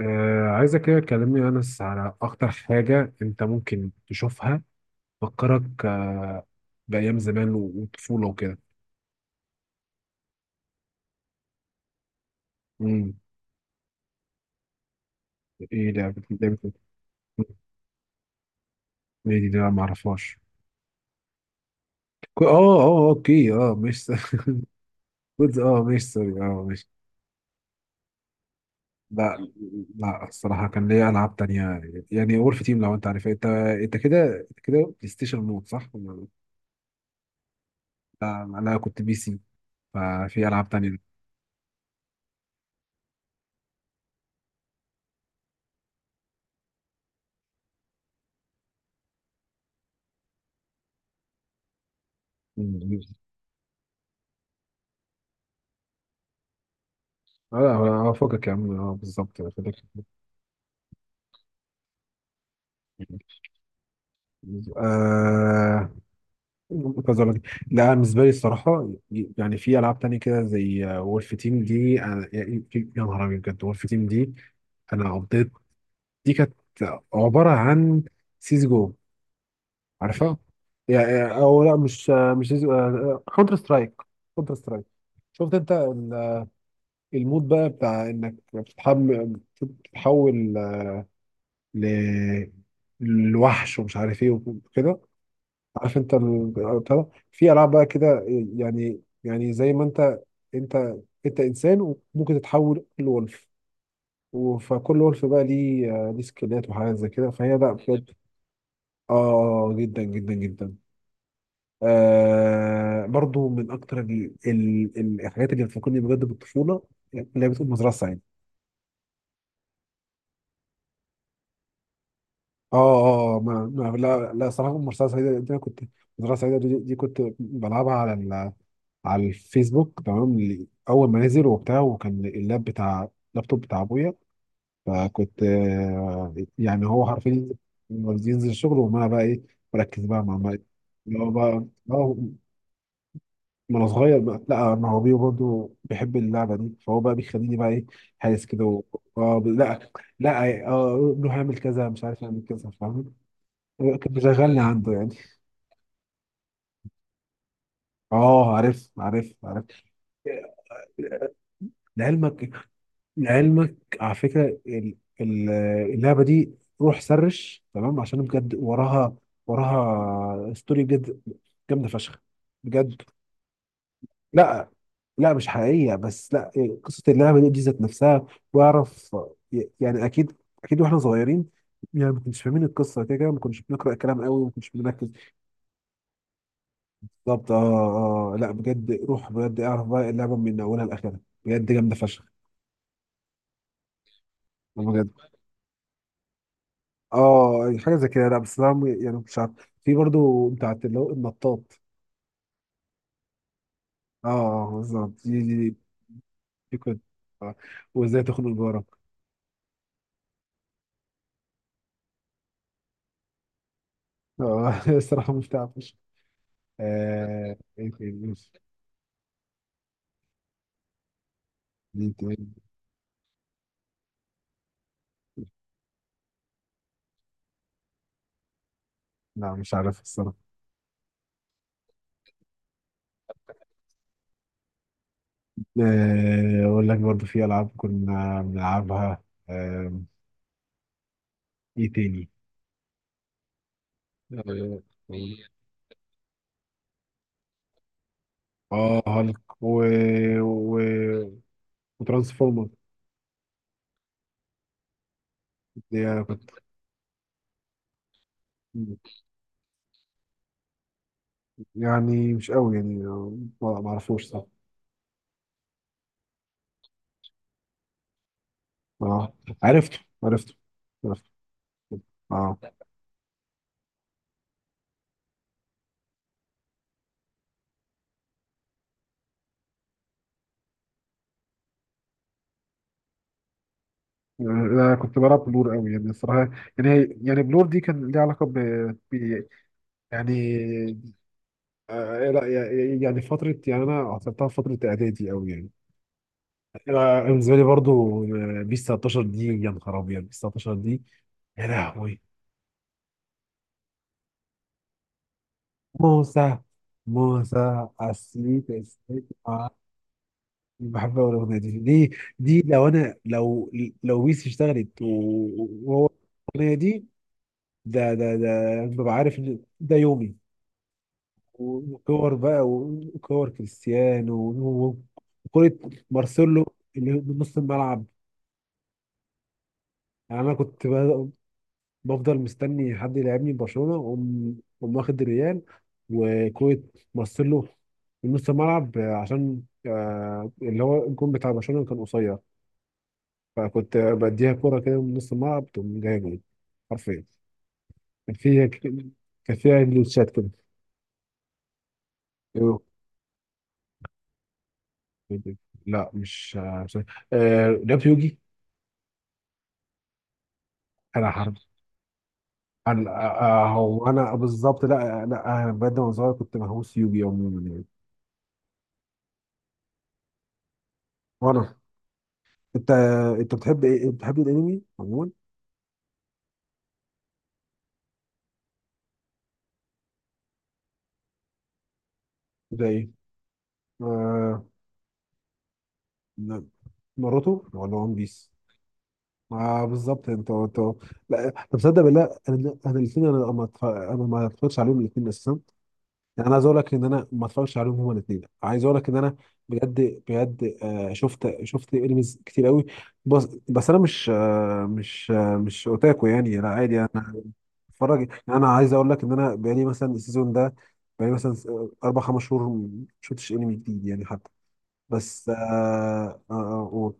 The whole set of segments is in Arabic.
عايزك كده تكلمني يا أنس على أكتر حاجة أنت ممكن تشوفها تفكرك بأيام زمان وطفولة وكده. مم. إيه ده، لعبة إيه؟ إيه دي؟ ده ما أعرفهاش. كو- أه أه آه، أوكي مش كنت مش، سوري، مش. لا لا، الصراحة كان ليا ألعاب تانية. يعني وولف تيم، لو أنت عارفها. أنت كده، أنت كده بلاي ستيشن مود، صح؟ لا أنا كنت بي سي. ففي ألعاب تانية. مم. اه لا، فوقك يا عم، بالظبط فوقك. آه... كذا لك. لا أنا بالنسبه لي الصراحه، يعني في العاب تانية كده زي وولف تيم دي. يا نهار ابيض، بجد وولف تيم دي. انا قضيت، دي كانت عباره عن سيز جو، عارفها؟ يعني او لا، مش مش كونتر سترايك. كونتر سترايك. شفت انت ال- المود بقى بتاع انك بتتحول ل... لوحش ومش عارف ايه وكده. عارف انت بتاع ده؟ في العاب بقى كده، يعني زي ما انت، انت انت انسان وممكن تتحول لولف. فكل ولف بقى ليه سكيلات وحاجات زي كده، فهي لا بجد. اه جدا جدا جدا. آه، برضو من اكتر الحاجات اللي بتفكرني بجد بالطفوله، اللي هي بتقول مزرعه سعيده. اه. اه ما... ما... لا لا، صراحه مزرعه سعيده دي انا كنت، مزرعه سعيده دي، كنت بلعبها على الفيسبوك، تمام، اول ما نزل وبتاع، وكان بتاع اللابتوب بتاع ابويا. فكنت يعني هو حرفيا ينزل الشغل، وما بقى ايه، بركز بقى مع اللي هو بقى هو. ما انا صغير بقى، لا ما هو بيه برضه بيحب اللعبه دي، فهو بقى بيخليني بقى ايه هايس كده و... لا. لا اه، روح اعمل كذا، مش عارف اعمل كذا، فاهم. كان مشغلني عنده يعني. اه عارف عارف عارف. لعلمك لعلمك، على فكرة ال- اللعبة دي، روح سرش، تمام، عشان بجد وراها، ستوري بجد جامدة فشخ. بجد لا لا، مش حقيقية، بس لا إيه، قصة اللعبة دي ذات نفسها. واعرف، يعني أكيد أكيد واحنا صغيرين، يعني ما كناش فاهمين القصة، كده كده ما كناش بنقرأ الكلام قوي وما كناش بنركز. بالظبط لا بجد، روح بجد اعرف بقى اللعبة من أولها لآخرها. بجد جامدة فشخ. بجد. اه يعني حاجه زي كده، لا بس انا يعني مش عارف، في برضو بتاعت اللي هو النطاط. اه، بالظبط دي دي. دي كنت. آه. وازاي تخنق جارك. اه الصراحه مش تعرفش. ايه تاني؟ مش مين تاني؟ لا مش عارف الصراحه. اقول لك، برضو في العاب كنا بنلعبها. ايه تاني؟ آه، اه هالك و... و... وترانسفورمر. دي كنت. يعني مش قوي، يعني ما ما اعرفوش، صح. اه، عرفته عرفته عرفته. اه انا كنت بلعب بلور قوي، يعني الصراحه. يعني هي يعني بلور دي كان ليها علاقه ب- يعني لا، يعني فتره، يعني انا عصرتها في فتره اعدادي قوي يعني. أنا بالنسبه لي برضو، بيس 19 دي، يا نهار ابيض، بيس 19 دي. يا لهوي. موسى، موسى عسليت عسليت، بحب أوي الاغنيه دي، دي لو انا لو، لو بيس اشتغلت وهو، الاغنيه دي ده ده، ببقى عارف ان ده يومي. وكور بقى، وكور كريستيانو وكرة مارسيلو اللي من نص الملعب. يعني انا كنت بفضل مستني حد يلعبني برشلونة، واقوم واخد الريال، وكرة مارسيلو من نص الملعب، عشان اللي هو الجون بتاع برشلونة كان قصير. فكنت بديها كورة كده من نص الملعب، تقوم جاية جول، حرفيا. كان فيها جليتشات كده. لا لعبت يوجي. انا حرب. انا هو انا بالظبط، لا لا، انا بجد وانا صغير كنت مهووس يوجي عموما يعني. وانا انت انت بتحب ايه، بتحب الانمي عموما؟ زي ايه؟ آه، ناروتو ولا ون بيس؟ آه، بالظبط انت، انت. لا طب تصدق بالله؟ انا الاثنين، انا ما اتف- انا ما اتفرجتش عليهم الاثنين اساسا. يعني انا عايز اقول لك ان انا ما اتفرجتش عليهم هما الاثنين. عايز اقول لك ان انا بجد بجد، شفت انميز كتير قوي. بس بس انا مش اوتاكو يعني، لا عادي انا بتفرج. يعني انا عايز اقول لك ان انا بقالي مثلا السيزون ده، بقالي مثلا اربع خمس شهور ما شفتش انمي جديد يعني حتى، بس آه آه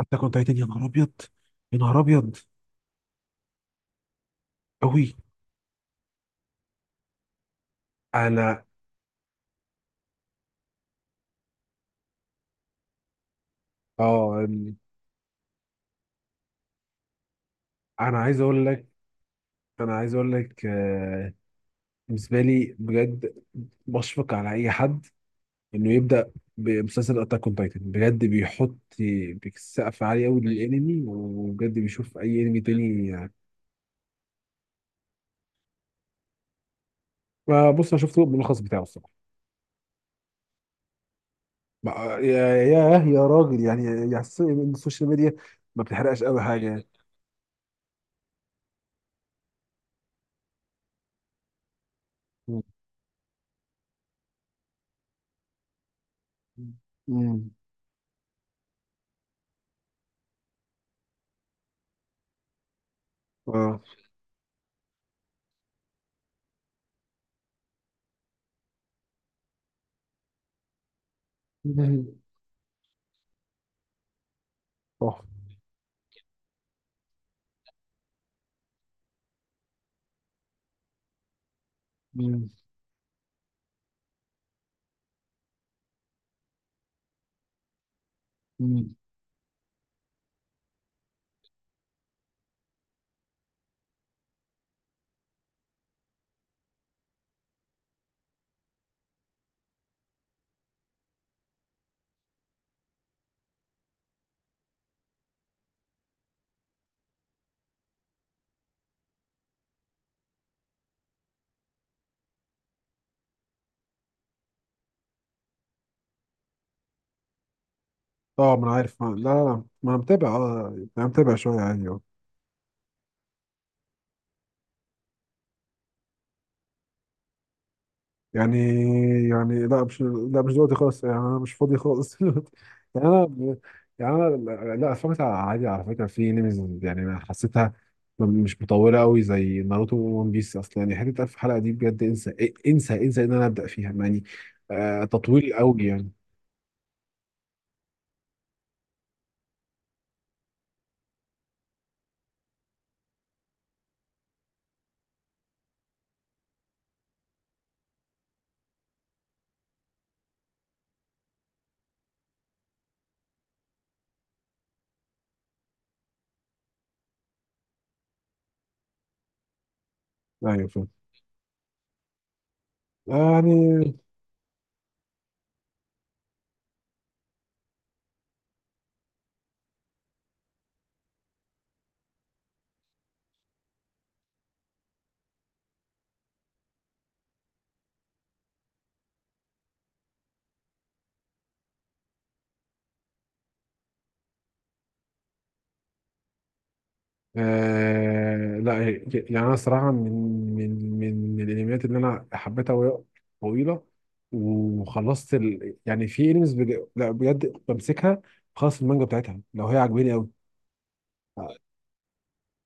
حتى كنت تايتن. يا نهار ابيض، يا نهار ابيض قوي. انا اه، انا عايز اقول لك، انا عايز اقول لك آه بالنسبه لي بجد، بشفق على اي حد انه يبدا بمسلسل اتاك اون تايتن، بجد بيحط سقف عالي قوي، ايوه للانمي، وبجد بيشوف اي انمي تاني. ما بص، انا شفت الملخص بتاعه الصراحه. ما- يا يا يا راجل، يعني السوشيال ميديا ما بتحرقش قوي حاجه، يعني جدا. مم. مم. اه اه. مم. مم. آه، ما انا عارف، ما لا لا لا، ما انا متابع، اه انا متابع شويه يعني. يعني يعني لا مش، لا مش دلوقتي خالص، يعني انا مش فاضي خالص دلوقتي. يعني انا يعني انا لا لا، اتفرجت على عادي، على فكره في انميز يعني، أنا حسيتها مش مطوله قوي زي ناروتو وون بيس اصلا، يعني حته 1000 حلقه دي بجد، انسى انسى ان انا ابدا فيها يعني. آه، تطويل قوي يعني. ايوه فاهم. يعني لا، يعني انا صراحه، من الانميات اللي انا حبيتها وهي طويله، وخلصت ال... يعني في انميز بج... لا بجد، بمسكها خلاص، المانجا بتاعتها، لو هي عاجباني قوي.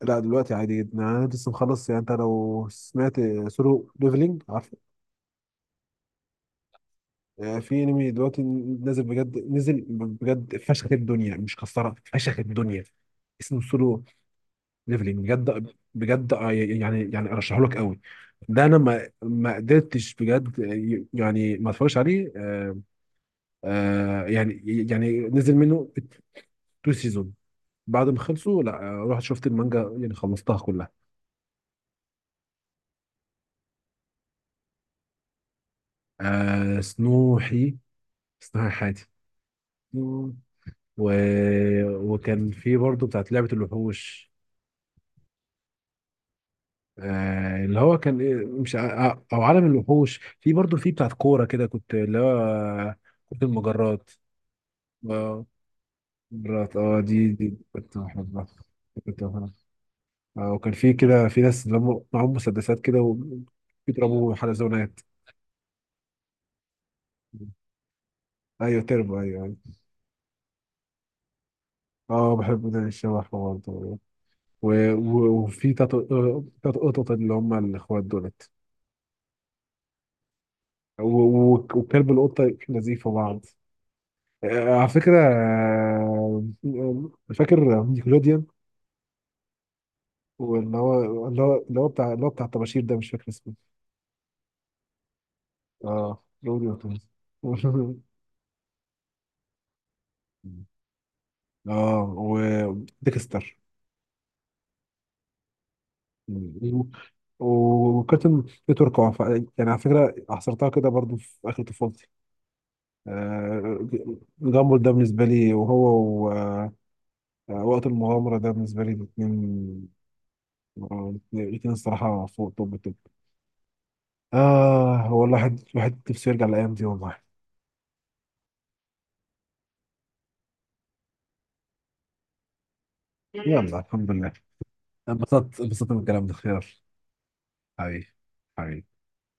لا دلوقتي عادي جدا، يعني انا لسه مخلص، يعني انت لو سمعت سولو ليفلينج، عارفه؟ آه، في انمي دلوقتي نازل بجد، نزل بجد فشخ الدنيا، مش كسرها فشخ الدنيا. اسمه سولو ليفلينج، بجد بجد، يعني ارشحه لك قوي. ده انا ما ما قدرتش بجد، يعني ما اتفرجش عليه. يعني، يعني نزل منه تو سيزون. بعد ما خلصوا لا، رحت شفت المانجا يعني، خلصتها كلها. آه سنوحي، سنوحي حياتي و... وكان في برضه بتاعت لعبة الوحوش. آه اللي هو كان إيه، مش ع- او عالم الوحوش، في برضه، في بتاعت كورة كده كنت اللي هو كرة المجرات. آه، مرات، اه دي كنت بحبها، كنت بحبها. آه وكان في كده في ناس اللي هم معاهم مسدسات كده وبيضربوا حلزونات. ايوه تربو، ايوه ايوه. اه بحب ده، الشبح برضه. وفي تلات، قطط اللي هم الاخوات دولت. و- وكلب القطه نزيفه بعض، على فكره، فاكر نيكلوديان؟ واللي هو اللي هو بتاع، اللي هو بتاع الطباشير ده، مش فاكر اسمه. اه رودي وتوم اه وديكستر و- وكابتن تركوا يعني على فكره، حصرتها كده برضو في اخر طفولتي، آه، جامبل ده بالنسبه لي وهو و- وقت المغامره ده، بالنسبه لي الاثنين، الاثنين الصراحه فوق. طب طب اه هو الواحد، نفسه يرجع الايام دي والله. يلا الحمد لله. انبسطت، انبسطت من الكلام ده، خير. حبيبي، حبيبي.